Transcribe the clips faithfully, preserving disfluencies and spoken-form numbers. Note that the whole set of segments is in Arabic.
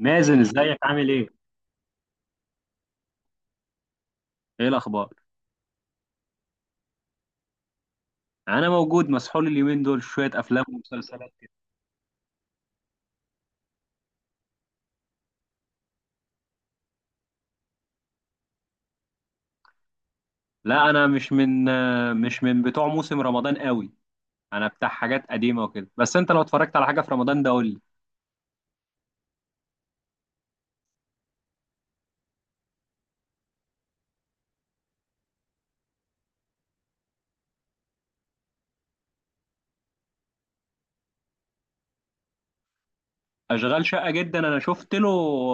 مازن، ازيك عامل ايه؟ ايه الاخبار؟ انا موجود مسحول اليومين دول في شويه افلام ومسلسلات كده. لا، انا مش من مش من بتوع موسم رمضان قوي. انا بتاع حاجات قديمه وكده، بس انت لو اتفرجت على حاجه في رمضان ده قول لي. اشغال شقه جدا، انا شفت له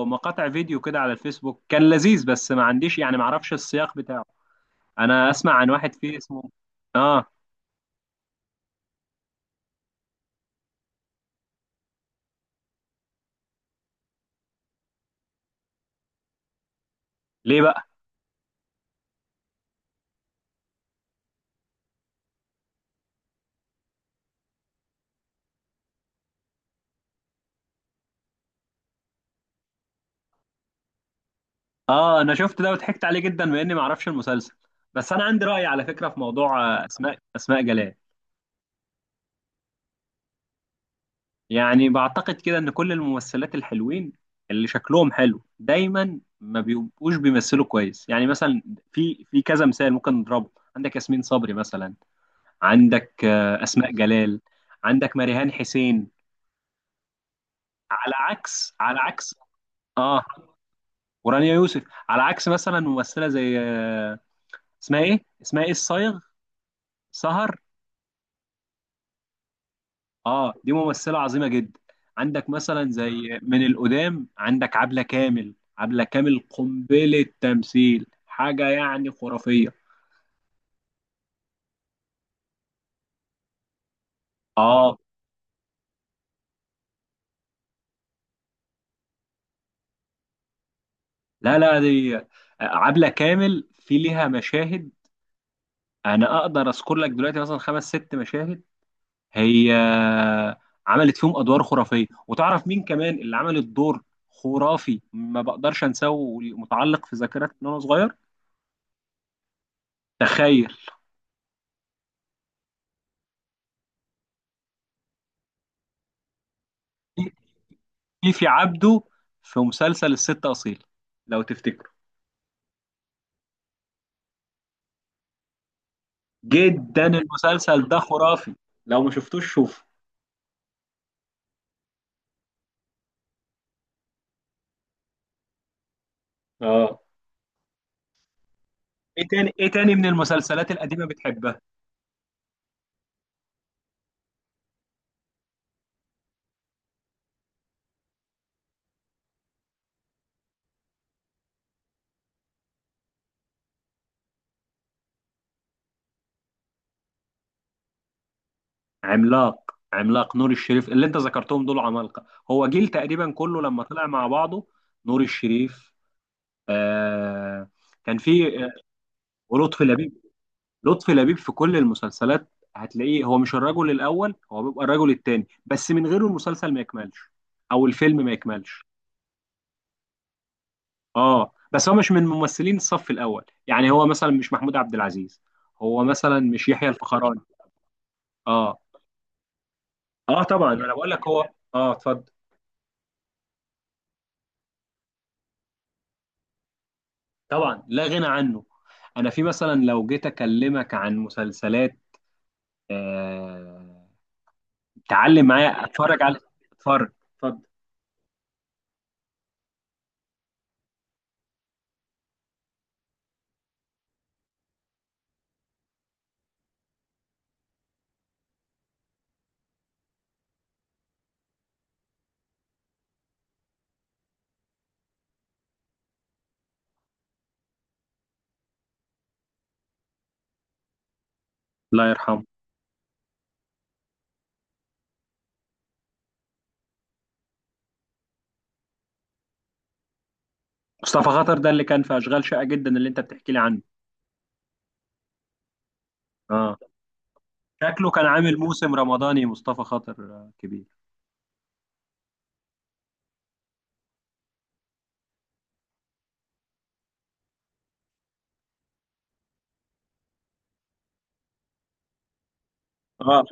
مقاطع فيديو كده على الفيسبوك، كان لذيذ بس ما عنديش، يعني ما اعرفش السياق بتاعه. انا اسمع عن واحد فيه اسمه. اه. ليه بقى؟ اه، انا شفت ده وضحكت عليه جدا مع اني ما اعرفش المسلسل. بس انا عندي راي على فكره في موضوع آه، اسماء اسماء جلال. يعني بعتقد كده ان كل الممثلات الحلوين، اللي شكلهم حلو، دايما ما بيبقوش بيمثلوا كويس. يعني مثلا في في كذا مثال ممكن نضربه. عندك ياسمين صبري مثلا، عندك آه، اسماء جلال، عندك مريهان حسين، على عكس على عكس اه. ورانيا يوسف. على عكس مثلا ممثله زي آه، اسمها ايه اسمها ايه الصايغ، سهر. اه، دي ممثلة عظيمة جدا. عندك مثلا زي من القدام، عندك عبلة كامل. عبلة كامل قنبلة تمثيل، حاجة يعني خرافية. اه. لا لا، دي عبلة كامل في ليها مشاهد. انا اقدر اذكر لك دلوقتي مثلا خمس ست مشاهد هي عملت فيهم ادوار خرافية. وتعرف مين كمان اللي عمل الدور خرافي ما بقدرش انساه ومتعلق في ذاكرتي من وانا صغير؟ تخيل. فيفي عبده في مسلسل الست أصيل، لو تفتكروا. جدا المسلسل ده خرافي، لو ما شفتوش شوف. اه. ايه تاني ايه تاني من المسلسلات القديمة بتحبها؟ عملاق، عملاق نور الشريف. اللي انت ذكرتهم دول عمالقة، هو جيل تقريبا كله لما طلع مع بعضه. نور الشريف، آه كان في آه، ولطفي لبيب. لطفي لبيب في كل المسلسلات هتلاقيه، هو مش الرجل الأول، هو بيبقى الرجل التاني، بس من غيره المسلسل ما يكملش، أو الفيلم ما يكملش. اه، بس هو مش من ممثلين الصف الاول، يعني هو مثلا مش محمود عبد العزيز، هو مثلا مش يحيى الفخراني. اه. اه طبعا انا بقول لك هو، اه اتفضل. طبعا لا غنى عنه. انا في مثلا لو جيت اكلمك عن مسلسلات، آه... تعلم معايا، اتفرج على. اتفرج، اتفضل. الله يرحمه. مصطفى خاطر ده اللي كان في اشغال شاقة جدا اللي انت بتحكي لي عنه؟ اه. شكله كان عامل موسم رمضاني مصطفى خاطر آه، كبير. اه.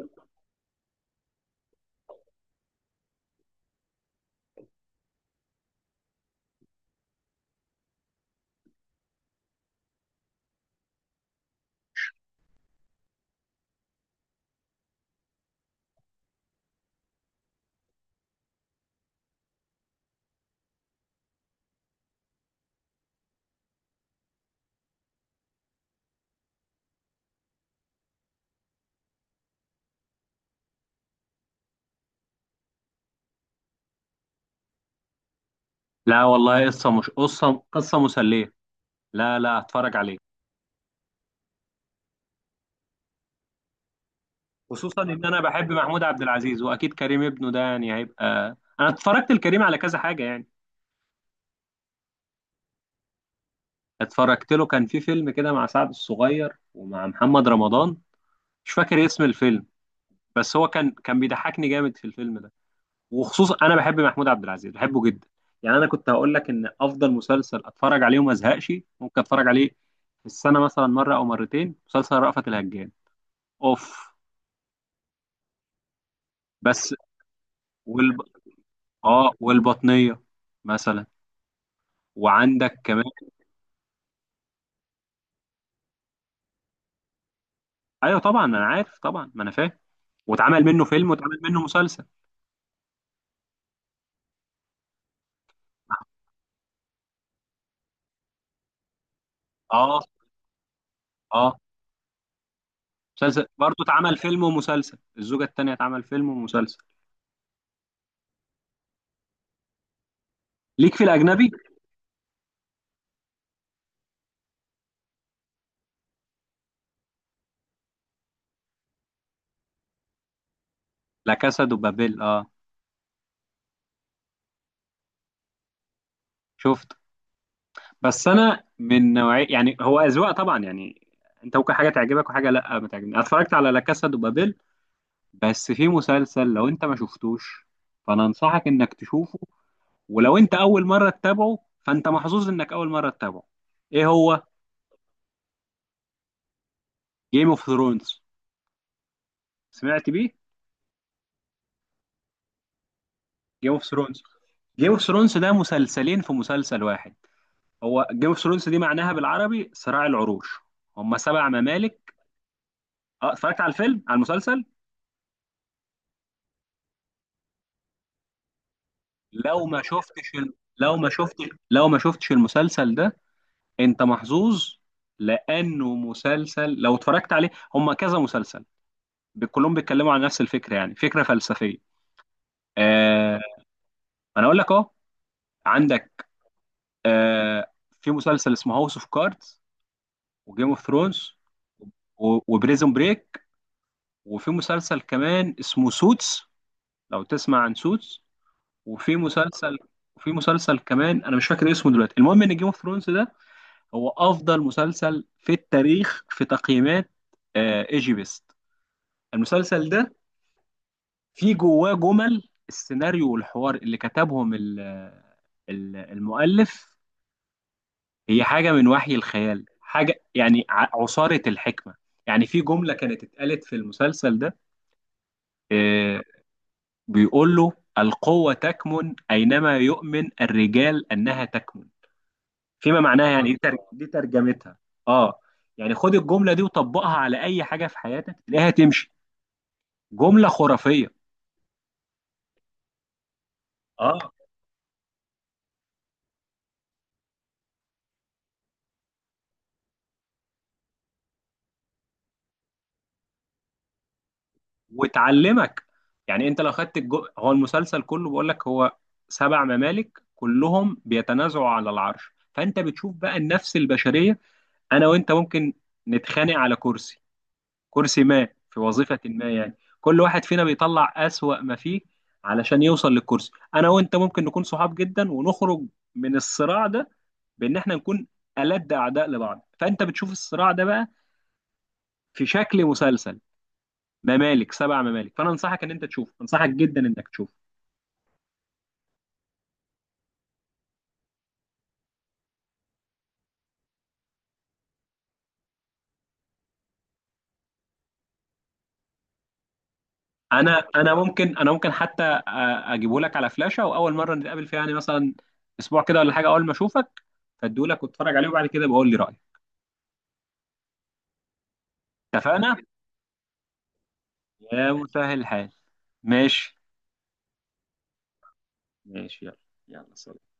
لا والله، قصة مش قصة قصة مسلية. لا لا، هتفرج عليه. خصوصا ان انا بحب محمود عبد العزيز، واكيد كريم ابنه ده يعني هيبقى. انا اتفرجت لكريم على كذا حاجه يعني. اتفرجت له كان في فيلم كده مع سعد الصغير ومع محمد رمضان، مش فاكر اسم الفيلم. بس هو كان كان بيضحكني جامد في الفيلم ده، وخصوصا انا بحب محمود عبد العزيز، بحبه جدا. يعني انا كنت هقول لك ان افضل مسلسل اتفرج عليه وما ازهقش، ممكن اتفرج عليه في السنه مثلا مره او مرتين، مسلسل رأفت الهجان. اوف. بس. والب... اه، والبطنيه مثلا. وعندك كمان. ايوه طبعا انا عارف، طبعا ما انا فاهم. واتعمل منه فيلم واتعمل منه مسلسل. اه. اه. مسلسل برضه اتعمل فيلم ومسلسل، الزوجة التانية اتعمل فيلم ومسلسل. ليك في الأجنبي. لا كاسا دو بابيل، اه شفته. بس أنا من نوعية، يعني هو أذواق طبعا يعني، أنت ممكن حاجة تعجبك وحاجة لا ما تعجبني. أنا اتفرجت على لا كاسا دو بابيل، بس في مسلسل لو أنت ما شفتوش فأنا أنصحك إنك تشوفه. ولو أنت أول مرة تتابعه فأنت محظوظ إنك أول مرة تتابعه. إيه هو؟ جيم اوف ثرونز. سمعت بيه؟ جيم اوف ثرونز. جيم اوف ثرونز ده مسلسلين في مسلسل واحد. هو جيم اوف ثرونز دي معناها بالعربي صراع العروش. هم سبع ممالك. اه، اتفرجت على الفيلم، على المسلسل. لو ما شفتش ال... لو ما شفتش لو ما شفتش المسلسل ده، انت محظوظ. لانه مسلسل لو اتفرجت عليه، هم كذا مسلسل ب- كلهم بيتكلموا عن نفس الفكره، يعني فكره فلسفيه. آه انا اقول لك اهو. عندك آه في مسلسل اسمه هاوس اوف كاردز، وجيم اوف ثرونز، و- وبريزون بريك، وفي مسلسل كمان اسمه سوتس، لو تسمع عن سوتس. وفي مسلسل، وفي مسلسل كمان انا مش فاكر اسمه دلوقتي. المهم ان جيم اوف ثرونز ده هو افضل مسلسل في التاريخ في تقييمات آه، ايجي بيست. المسلسل ده فيه جواه جمل السيناريو والحوار اللي كتبهم ال- ال- المؤلف. هي حاجة من وحي الخيال، حاجة يعني ع- عصارة الحكمة. يعني في جملة كانت اتقالت في المسلسل ده آه، بيقول له: القوة تكمن أينما يؤمن الرجال أنها تكمن. فيما معناها يعني، دي, تر... الله دي ترجمتها. اه. يعني خد الجملة دي وطبقها على أي حاجة في حياتك تلاقيها تمشي. جملة خرافية. اه، وتعلمك. يعني أنت لو خدت الج... هو المسلسل كله بيقول لك، هو سبع ممالك كلهم بيتنازعوا على العرش. فأنت بتشوف بقى النفس البشرية، أنا وأنت ممكن نتخانق على كرسي، كرسي ما في وظيفة ما يعني. كل واحد فينا بيطلع أسوأ ما فيه علشان يوصل للكرسي. أنا وأنت ممكن نكون صحاب جدا ونخرج من الصراع ده بإن إحنا نكون ألد أعداء لبعض. فأنت بتشوف الصراع ده بقى في شكل مسلسل، ممالك سبع ممالك. فأنا أنصحك إن أنت تشوفه، أنصحك جدا إنك تشوفه. أنا أنا ممكن أنا ممكن حتى أ- أجيبه لك على فلاشة. وأول مرة نتقابل فيها، يعني مثلا أسبوع كده ولا حاجة، أول ما أشوفك أديه لك، واتفرج عليه وبعد كده بقول لي رأيك. اتفقنا؟ يا مسهل الحال. ماشي. ماشي يلا. يلا سلام.